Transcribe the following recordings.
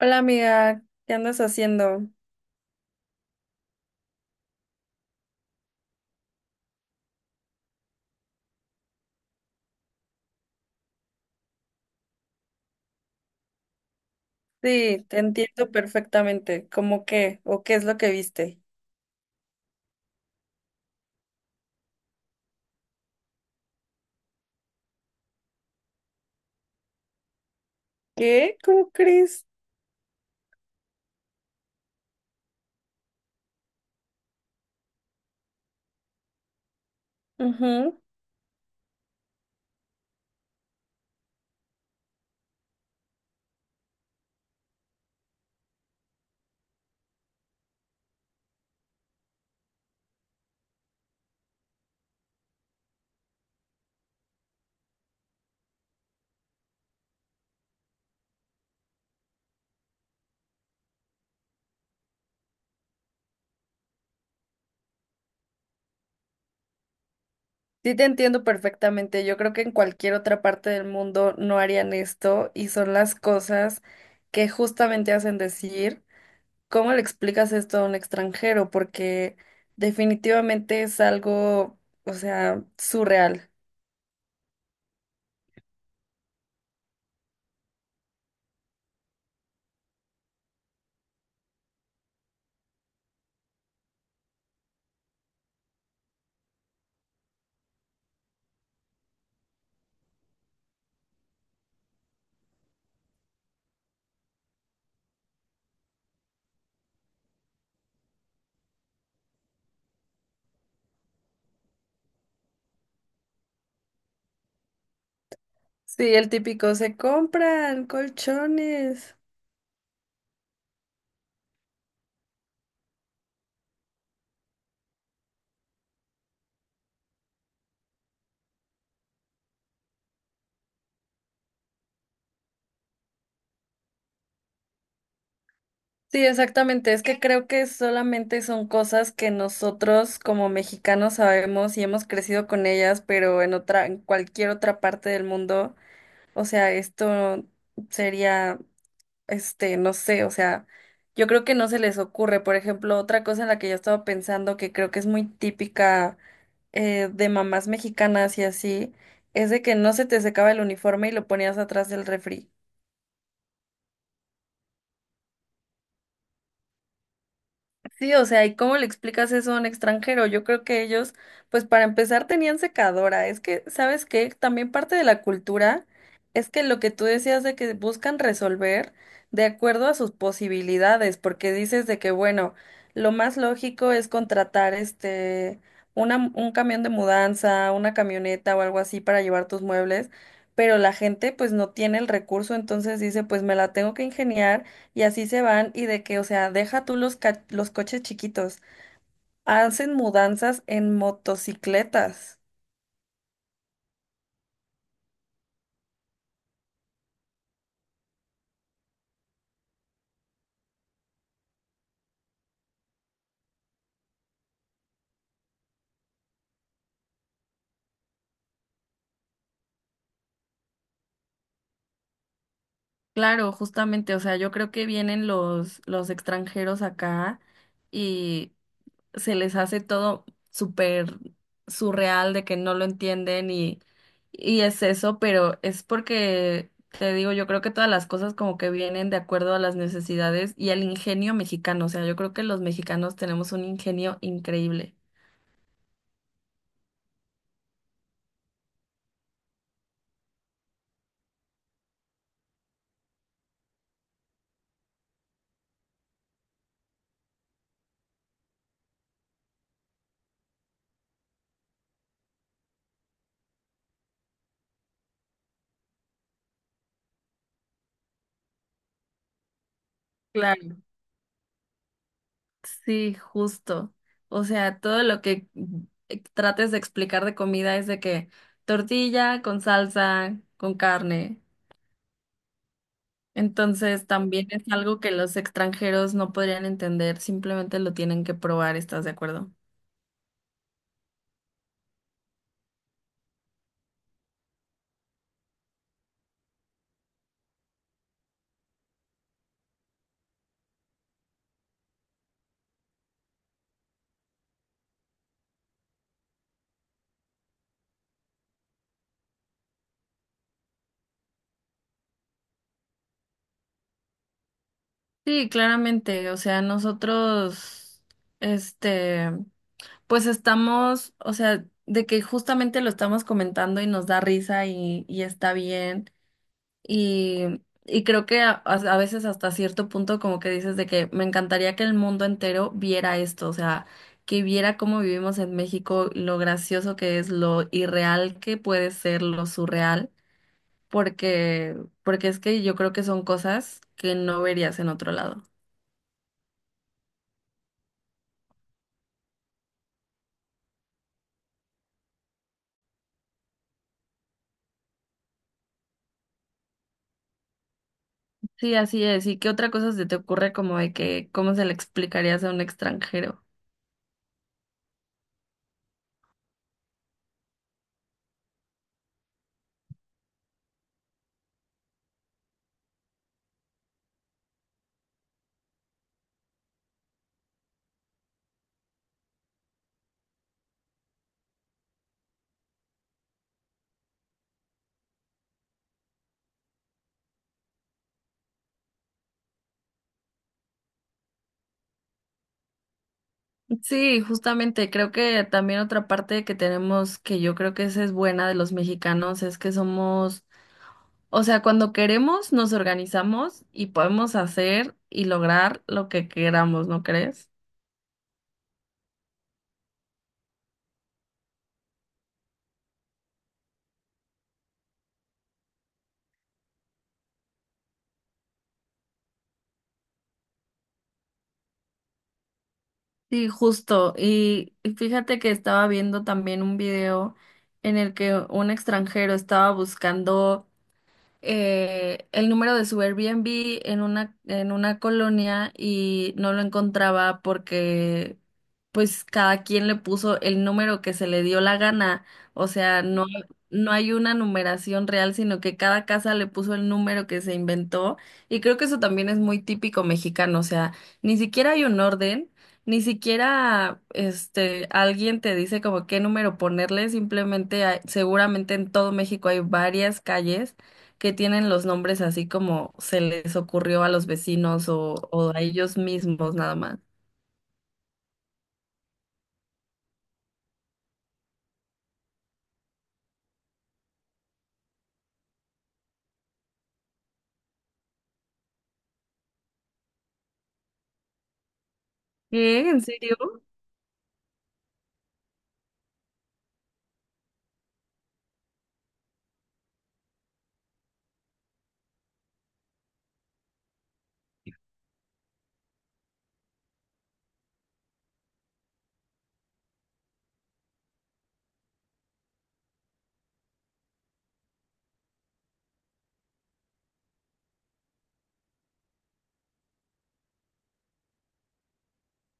Hola amiga, ¿qué andas haciendo? Sí, te entiendo perfectamente. ¿Cómo qué? ¿O qué es lo que viste? ¿Qué? ¿Cómo crees? Ujú. Sí, te entiendo perfectamente. Yo creo que en cualquier otra parte del mundo no harían esto y son las cosas que justamente hacen decir, ¿cómo le explicas esto a un extranjero? Porque definitivamente es algo, o sea, surreal. Sí, el típico, se compran colchones. Sí, exactamente. Es que creo que solamente son cosas que nosotros como mexicanos sabemos y hemos crecido con ellas, pero en cualquier otra parte del mundo, o sea, esto sería, no sé, o sea, yo creo que no se les ocurre. Por ejemplo, otra cosa en la que yo estaba pensando que creo que es muy típica de mamás mexicanas y así, es de que no se te secaba el uniforme y lo ponías atrás del refri. Sí, o sea, ¿y cómo le explicas eso a un extranjero? Yo creo que ellos, pues para empezar, tenían secadora. Es que, ¿sabes qué? También parte de la cultura es que lo que tú decías de que buscan resolver de acuerdo a sus posibilidades, porque dices de que, bueno, lo más lógico es contratar este, un camión de mudanza, una camioneta o algo así para llevar tus muebles, pero la gente pues no tiene el recurso, entonces dice, pues me la tengo que ingeniar y así se van y de que, o sea, deja tú los coches chiquitos, hacen mudanzas en motocicletas. Claro, justamente, o sea, yo creo que vienen los extranjeros acá y se les hace todo súper surreal de que no lo entienden y es eso, pero es porque, te digo, yo creo que todas las cosas como que vienen de acuerdo a las necesidades y al ingenio mexicano, o sea, yo creo que los mexicanos tenemos un ingenio increíble. Claro. Sí, justo. O sea, todo lo que trates de explicar de comida es de que tortilla con salsa, con carne. Entonces, también es algo que los extranjeros no podrían entender, simplemente lo tienen que probar, ¿estás de acuerdo? Sí, claramente. O sea, nosotros, este, pues estamos, o sea, de que justamente lo estamos comentando y nos da risa y está bien. Y creo que a veces hasta cierto punto como que dices de que me encantaría que el mundo entero viera esto, o sea, que viera cómo vivimos en México, lo gracioso que es, lo irreal que puede ser, lo surreal, porque, porque es que yo creo que son cosas que no verías en otro lado. Sí, así es. ¿Y qué otra cosa se te ocurre como de que cómo se le explicarías a un extranjero? Sí, justamente, creo que también otra parte que tenemos, que yo creo que esa es buena de los mexicanos, es que somos, o sea, cuando queremos nos organizamos y podemos hacer y lograr lo que queramos, ¿no crees? Sí, justo. Y fíjate que estaba viendo también un video en el que un extranjero estaba buscando el número de su Airbnb en una colonia y no lo encontraba porque pues cada quien le puso el número que se le dio la gana. O sea, no, no hay una numeración real, sino que cada casa le puso el número que se inventó. Y creo que eso también es muy típico mexicano. O sea, ni siquiera hay un orden. Ni siquiera alguien te dice como qué número ponerle, simplemente seguramente en todo México hay varias calles que tienen los nombres así como se les ocurrió a los vecinos o a ellos mismos nada más. ¿Qué? ¿En serio?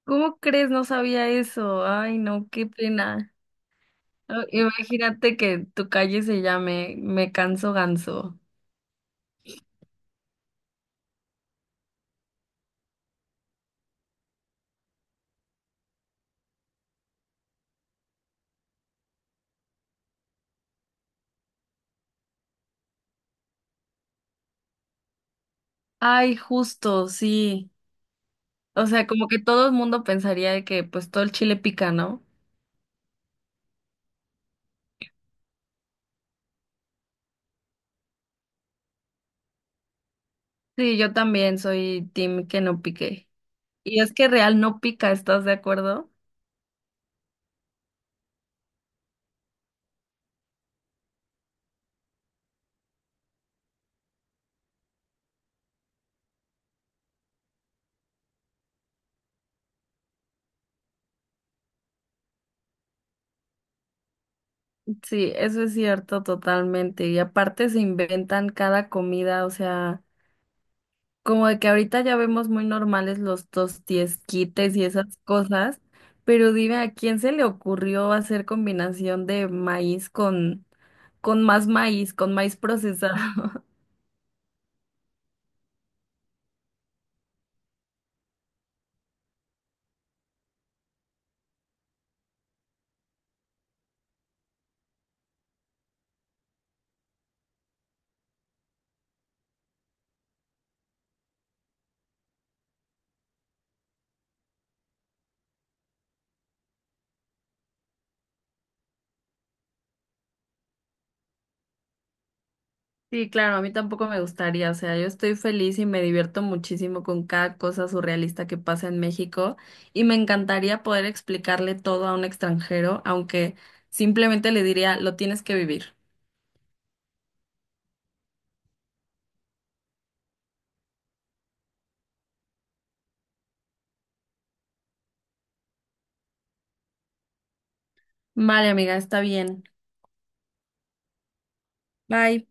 ¿Cómo crees? No sabía eso. Ay, no, qué pena. Ah, imagínate que tu calle se llame Me Canso Ganso. Ay, justo, sí. O sea, como que todo el mundo pensaría de que pues todo el chile pica, ¿no? Sí, yo también soy team que no pique. Y es que real no pica, ¿estás de acuerdo? Sí, eso es cierto totalmente. Y aparte se inventan cada comida, o sea, como de que ahorita ya vemos muy normales los tostiesquites y esas cosas, pero dime, ¿a quién se le ocurrió hacer combinación de maíz con más maíz, con maíz procesado? Sí, claro, a mí tampoco me gustaría, o sea, yo estoy feliz y me divierto muchísimo con cada cosa surrealista que pasa en México y me encantaría poder explicarle todo a un extranjero, aunque simplemente le diría, lo tienes que vivir. Vale, amiga, está bien. Bye.